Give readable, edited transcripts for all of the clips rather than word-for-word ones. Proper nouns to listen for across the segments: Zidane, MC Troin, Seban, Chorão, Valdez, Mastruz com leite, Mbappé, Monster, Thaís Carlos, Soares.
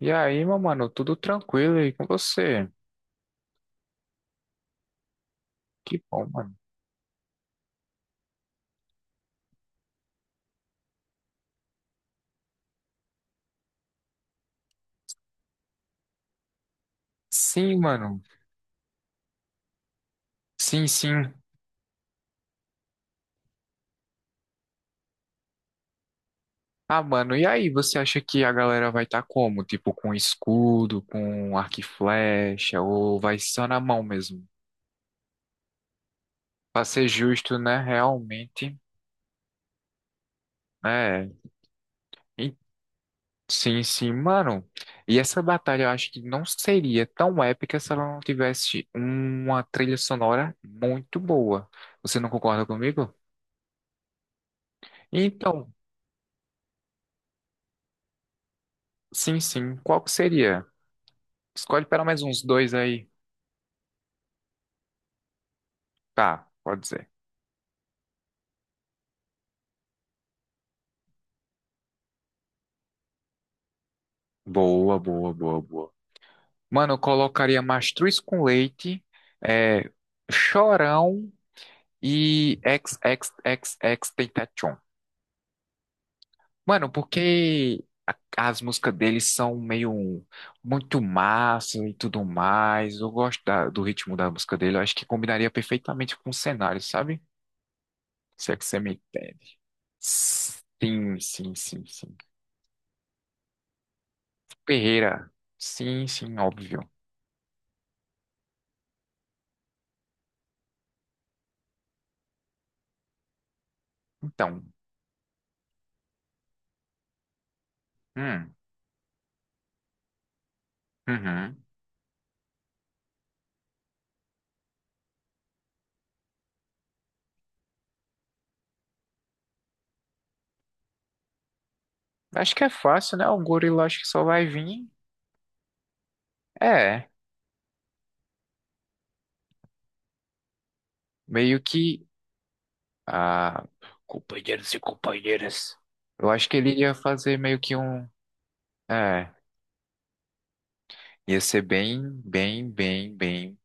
E aí, meu mano, tudo tranquilo aí com você? Que bom, mano. Sim, mano. Sim, sim. Ah, mano, e aí, você acha que a galera vai estar como? Tipo, com escudo, com arco e flecha, ou vai só na mão mesmo? Pra ser justo, né? Realmente, é. E- Sim, sim, mano. E essa batalha eu acho que não seria tão épica se ela não tivesse uma trilha sonora muito boa. Você não concorda comigo? Então, sim, sim. Qual que seria? Escolhe para mais uns dois aí. Tá, pode ser. Boa, boa, boa, boa. Mano, eu colocaria Mastruz com leite, é, Chorão e XXXX Tentacion. Mano, porque as músicas deles são meio muito massa e tudo mais. Eu gosto do ritmo da música dele. Eu acho que combinaria perfeitamente com o cenário, sabe? Se é que você me entende. Sim, sim, sim, sim. Ferreira. Sim, sim, óbvio. Então, hum, uhum. Acho que é fácil, né? O gorila acho que só vai vir. É, meio que. Ah, companheiros e companheiras. Eu acho que ele ia fazer meio que um. É, ia ser bem, bem, bem, bem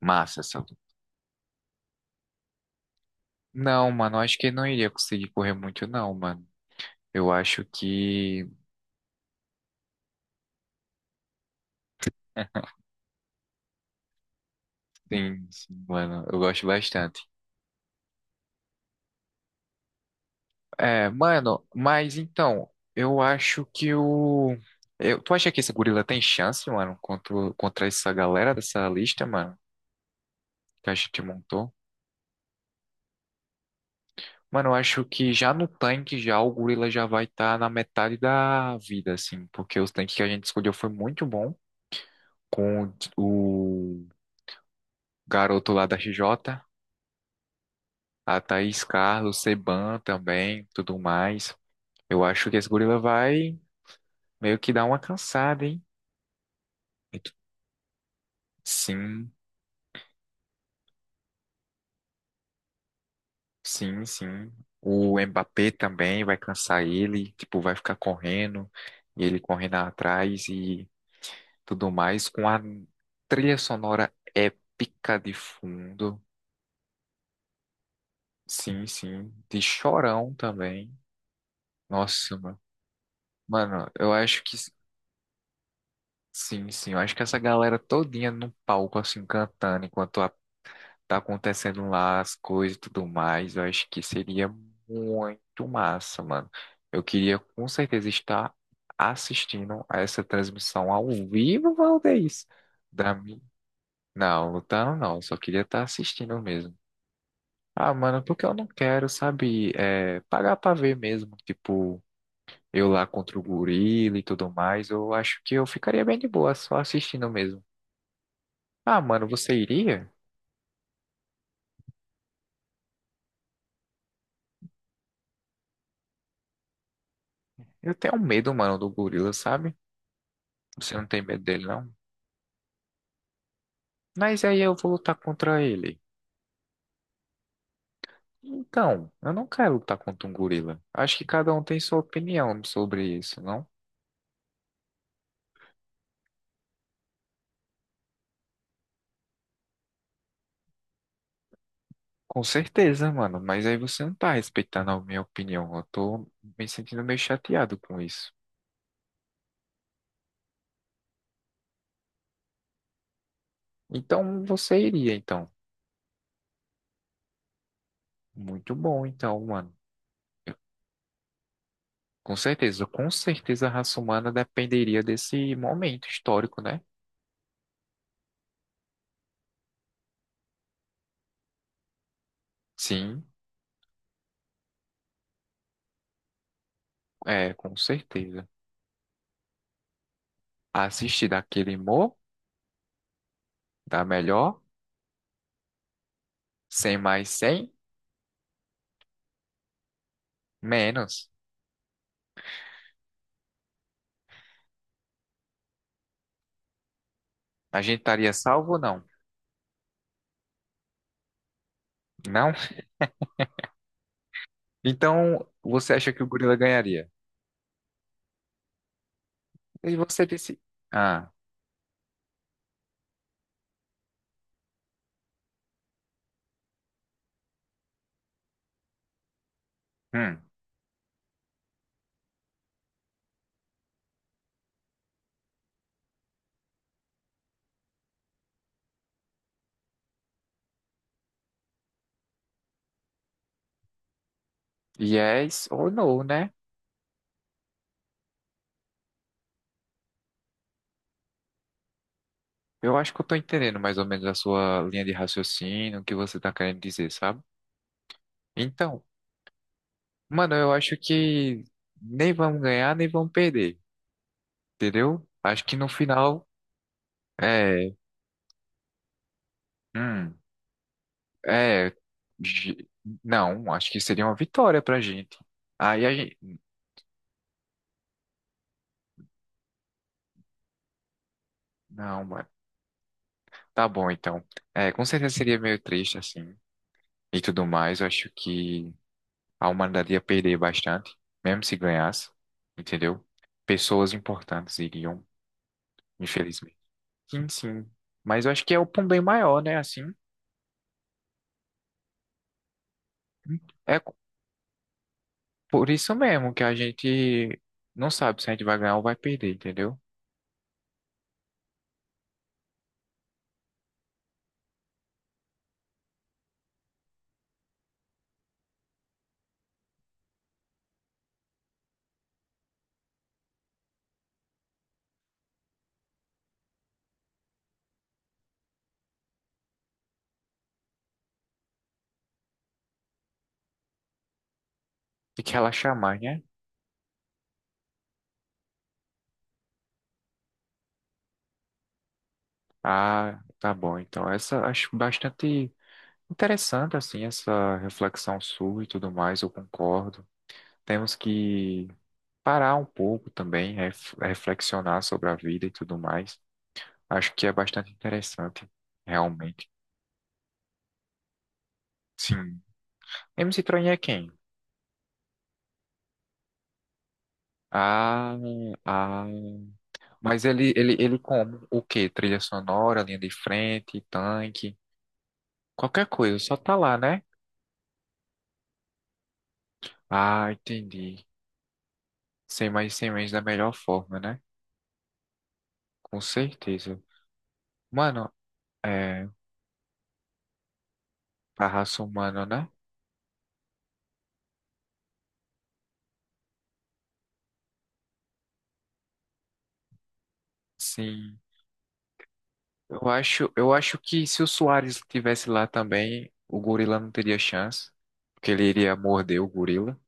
massa essa luta. Não, mano, eu acho que ele não iria conseguir correr muito, não, mano. Eu acho que. Sim, sim, mano, eu gosto bastante. É, mano, mas então, eu acho que o. Tu acha que esse gorila tem chance, mano, contra essa galera dessa lista, mano, que a gente montou? Mano, eu acho que já no tanque, já o gorila já vai estar na metade da vida, assim, porque os tanques que a gente escolheu foi muito bom, com o garoto lá da RJ, a Thaís Carlos, Seban também, tudo mais. Eu acho que esse gorila vai meio que dar uma cansada, hein? Sim. Sim, sim. O Mbappé também vai cansar ele, tipo, vai ficar correndo, e ele correndo atrás e tudo mais, com a trilha sonora épica de fundo. Sim, sim. De Chorão também. Nossa, mano. Mano, eu acho que. Sim, sim. Eu acho que essa galera todinha no palco, assim, cantando, enquanto tá acontecendo lá as coisas e tudo mais. Eu acho que seria muito massa, mano. Eu queria com certeza estar assistindo a essa transmissão ao vivo, Valdez. Da mi... Não, lutando não, eu só queria estar assistindo mesmo. Ah, mano, porque eu não quero, sabe, é, pagar pra ver mesmo, tipo, eu lá contra o gorila e tudo mais, eu acho que eu ficaria bem de boa só assistindo mesmo. Ah, mano, você iria? Eu tenho medo, mano, do gorila, sabe? Você não tem medo dele, não? Mas aí eu vou lutar contra ele. Então, eu não quero lutar contra um gorila. Acho que cada um tem sua opinião sobre isso, não? Com certeza, mano, mas aí você não tá respeitando a minha opinião. Eu tô me sentindo meio chateado com isso. Então, você iria, então. Muito bom, então, mano. Eu- com certeza a raça humana dependeria desse momento histórico, né? Sim, é, com certeza. Assistir daquele humor, dá melhor, sem mais, sem menos. A gente estaria salvo ou não? Não? Então, você acha que o gorila ganharia? E você disse, ah, hum, yes ou no, né? Eu acho que eu tô entendendo mais ou menos a sua linha de raciocínio, o que você tá querendo dizer, sabe? Então, mano, eu acho que nem vamos ganhar, nem vamos perder, entendeu? Acho que no final, é, hum, é, gi- não, acho que seria uma vitória pra gente. Aí a gente, não, tá bom, então. É, com certeza seria meio triste, assim, e tudo mais. Eu acho que a humanidade ia perder bastante, mesmo se ganhasse, entendeu? Pessoas importantes iriam, infelizmente. Sim, sim. Mas eu acho que é o ponto bem maior, né? Assim, é por isso mesmo que a gente não sabe se a gente vai ganhar ou vai perder, entendeu? E que relaxar mais, né? Ah, tá bom. Então, essa acho bastante interessante, assim, essa reflexão sua e tudo mais, eu concordo. Temos que parar um pouco também, reflexionar sobre a vida e tudo mais. Acho que é bastante interessante, realmente. Sim. MC Troin é quem? Ah, ah. Mas ele como? O quê? Trilha sonora, linha de frente, tanque, qualquer coisa, só tá lá, né? Ah, entendi. Sem mais sem menos da melhor forma, né? Com certeza. Mano, é, pra raça humana, né? Sim, eu acho, eu acho que se o Soares tivesse lá também, o gorila não teria chance, porque ele iria morder o gorila.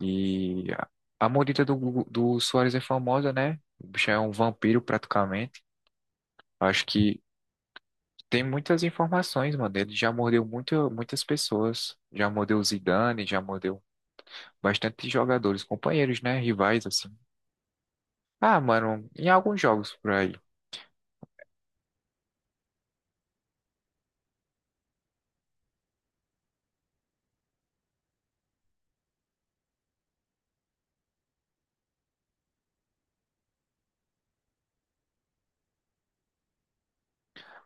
E a mordida do, do Soares é famosa, né? O bicho é um vampiro praticamente. Acho que tem muitas informações, mano. Ele já mordeu muito, muitas pessoas. Já mordeu o Zidane, já mordeu bastante jogadores, companheiros, né? Rivais, assim. Ah, mano, em alguns jogos por aí.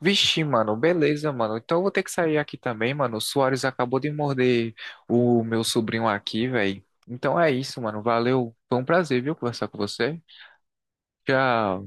Vixe, mano, beleza, mano. Então eu vou ter que sair aqui também, mano. O Soares acabou de morder o meu sobrinho aqui, velho. Então é isso, mano. Valeu. Foi um prazer, viu, conversar com você. Tchau.